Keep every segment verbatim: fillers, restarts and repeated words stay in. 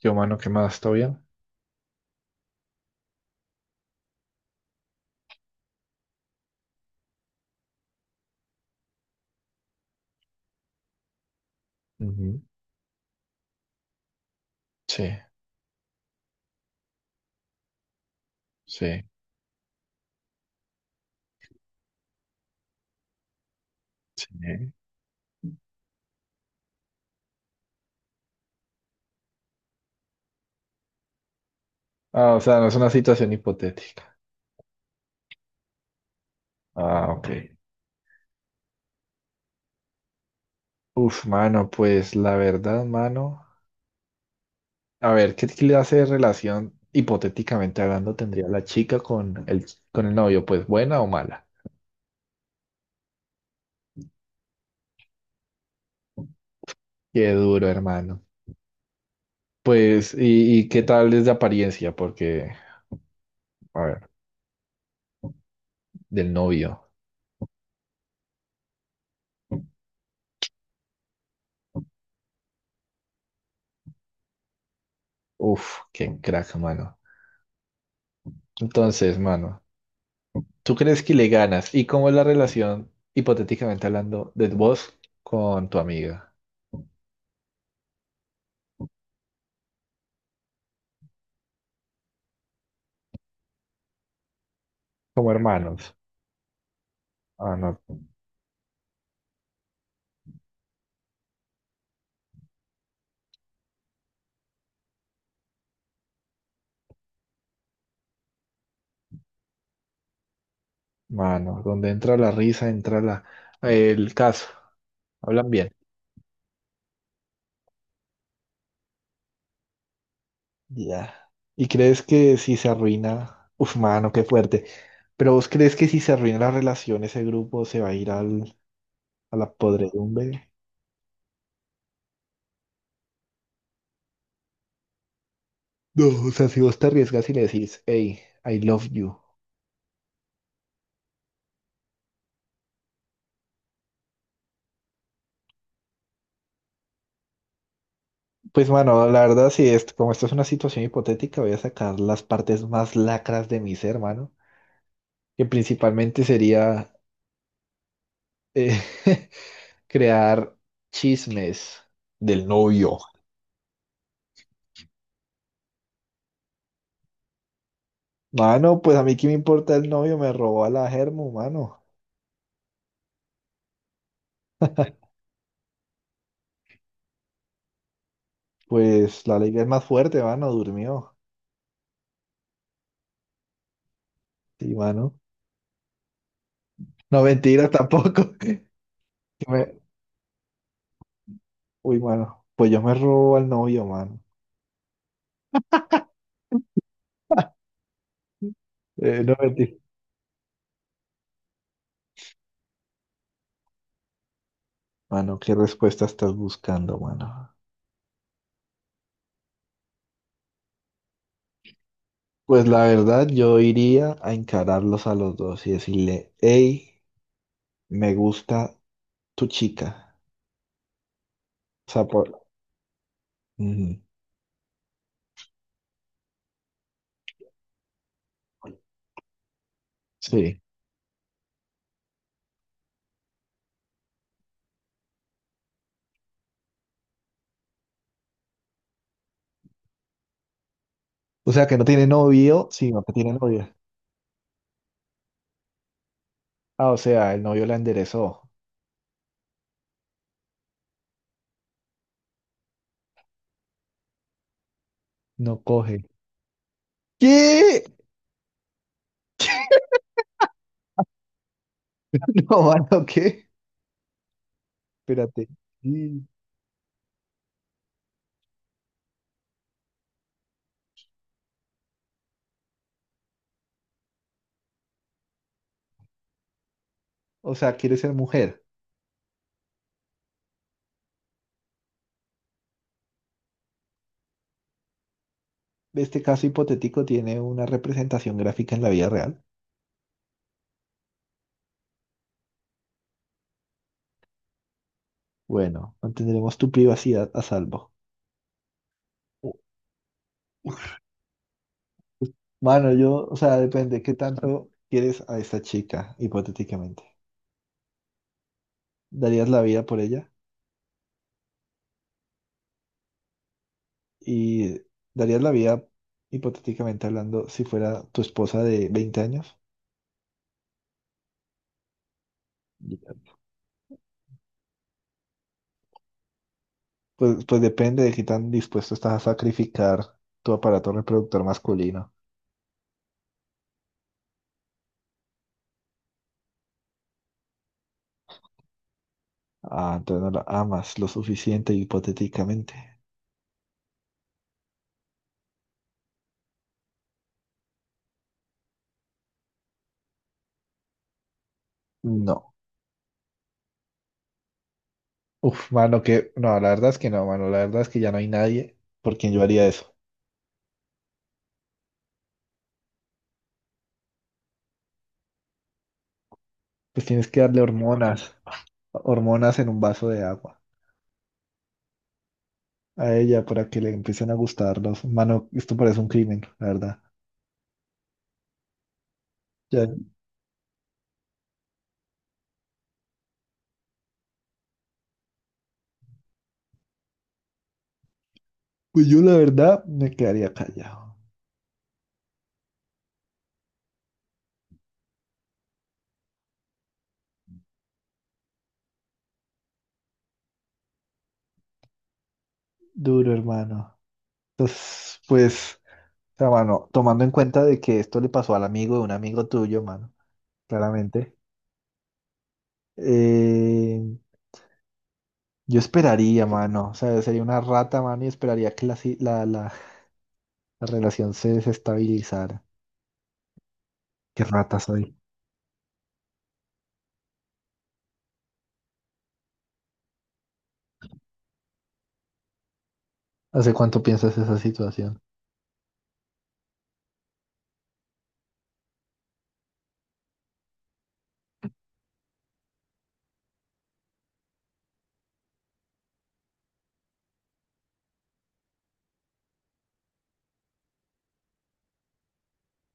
Yo, mano, ¿qué más? ¿Todo bien? Ujú. Sí, sí, sí. Ah, o sea, no es una situación hipotética. Ah, ok. Uf, mano, pues la verdad, mano. A ver, ¿qué clase de relación, hipotéticamente hablando, tendría la chica con el, con el novio? Pues buena o mala. Qué duro, hermano. Pues, ¿y, y qué tal es de apariencia? Porque, a ver, del novio. Uf, qué crack, mano. Entonces, mano. ¿Tú crees que le ganas? ¿Y cómo es la relación, hipotéticamente hablando, de vos con tu amiga? Como hermanos. Ah, no, mano. Donde entra la risa, entra la, el caso. Hablan bien. Ya. ¿Y crees que si se arruina? Uf, mano, qué fuerte. ¿Pero vos crees que si se arruina la relación, ese grupo se va a ir al, a la podredumbre? No, o sea, si vos te arriesgas y le decís, hey, I love you. Pues bueno, la verdad, si es, como esto es una situación hipotética, voy a sacar las partes más lacras de mi ser, hermano, que principalmente sería eh, crear chismes del novio. Mano, pues a mí qué me importa el novio, me robó a la Germu, mano. Pues la ley es más fuerte, mano, durmió. Sí, mano. No, mentira, tampoco. Que me- Uy, mano, pues yo me robo al novio, mano. Eh, no, mentira. Mano, ¿qué respuesta estás buscando, mano? Pues la verdad, yo iría a encararlos a los dos y decirle, hey, me gusta tu chica. O sea, por... Ujú. Sí. O sea, que no tiene novio, sino que tiene novia. Ah, o sea, el novio la enderezó. No coge. ¿Qué? No, mano, ¿qué? Espérate. Sí. O sea, quiere ser mujer. Este caso hipotético tiene una representación gráfica en la vida real. Bueno, mantendremos tu privacidad a salvo. Mano, yo, o sea, depende qué tanto quieres a esta chica, hipotéticamente. ¿Darías la vida por ella? ¿Y darías la vida, hipotéticamente hablando, si fuera tu esposa de veinte años? Pues, pues depende de qué tan dispuesto estás a sacrificar tu aparato reproductor masculino. Ah, entonces no la amas lo suficiente, hipotéticamente. No. Uf, mano, que... no, la verdad es que no, mano. La verdad es que ya no hay nadie por quien yo haría eso. Pues tienes que darle hormonas. hormonas en un vaso de agua a ella para que le empiecen a gustar los... Mano, esto parece un crimen, la verdad. Ya, pues yo la verdad me quedaría callado. Duro, hermano. Entonces, pues, o sea, mano, tomando en cuenta de que esto le pasó al amigo de un amigo tuyo, mano, claramente, eh, yo esperaría, mano, o sea, sería una rata, mano, y esperaría que la, si- la, la, la relación se desestabilizara. Qué rata soy. ¿Hace cuánto piensas esa situación?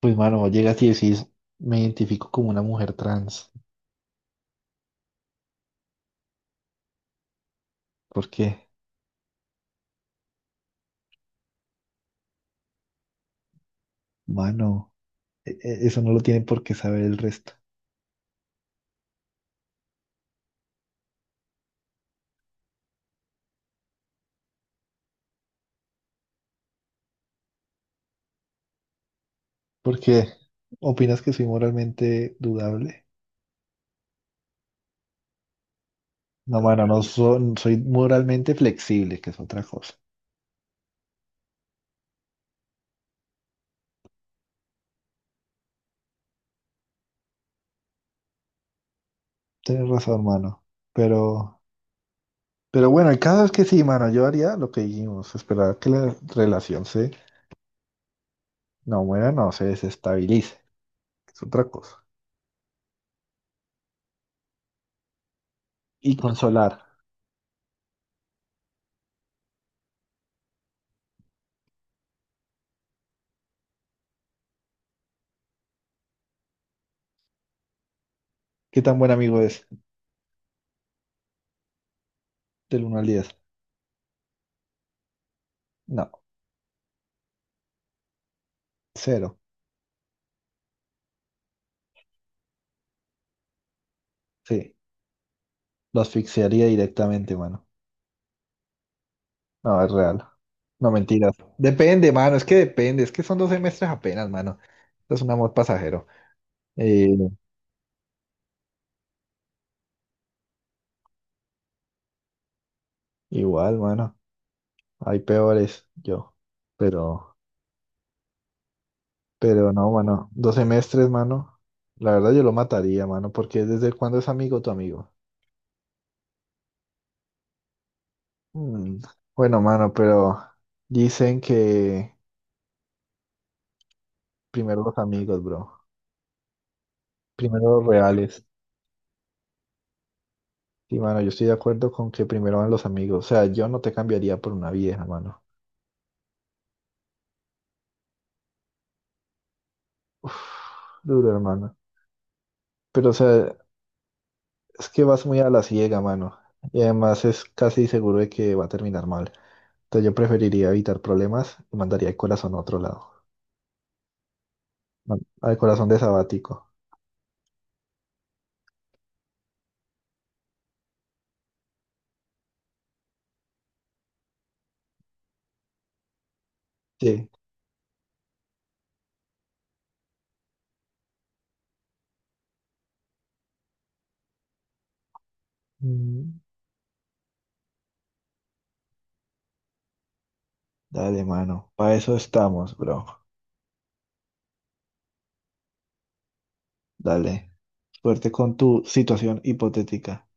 Pues, mano, vos llegas y decís, me identifico como una mujer trans. ¿Por qué? Mano, e- e- eso no lo tienen por qué saber el resto. ¿Por qué? ¿Opinas que soy moralmente dudable? No, mano, no son- soy moralmente flexible, que es otra cosa. Tienes razón, mano. Pero, pero bueno, el caso es que sí, mano, yo haría lo que dijimos, esperar que la relación se, no muera, no se desestabilice, que es otra cosa. Y consolar. ¿Qué tan buen amigo es? Del uno al diez. No, cero. Sí. Lo asfixiaría directamente, mano. No, es real. No, mentiras. Depende, mano. Es que depende. Es que son dos semestres apenas, mano. Esto es un amor pasajero. Eh, igual, mano. Hay peores, yo. Pero, pero no, mano. Dos semestres, mano. La verdad yo lo mataría, mano. Porque desde cuándo es amigo tu amigo. Mm, Bueno, mano, pero dicen que primero los amigos, bro. Primero los reales. Sí, mano, yo estoy de acuerdo con que primero van los amigos. O sea, yo no te cambiaría por una vieja, mano. Uf, duro, hermano. Pero, o sea, es que vas muy a la ciega, mano. Y además es casi seguro de que va a terminar mal. Entonces yo preferiría evitar problemas y mandaría el corazón a otro lado. Man- Al corazón de sabático. Sí. Mm, Dale, mano. Para eso estamos, bro. Dale. Suerte con tu situación hipotética.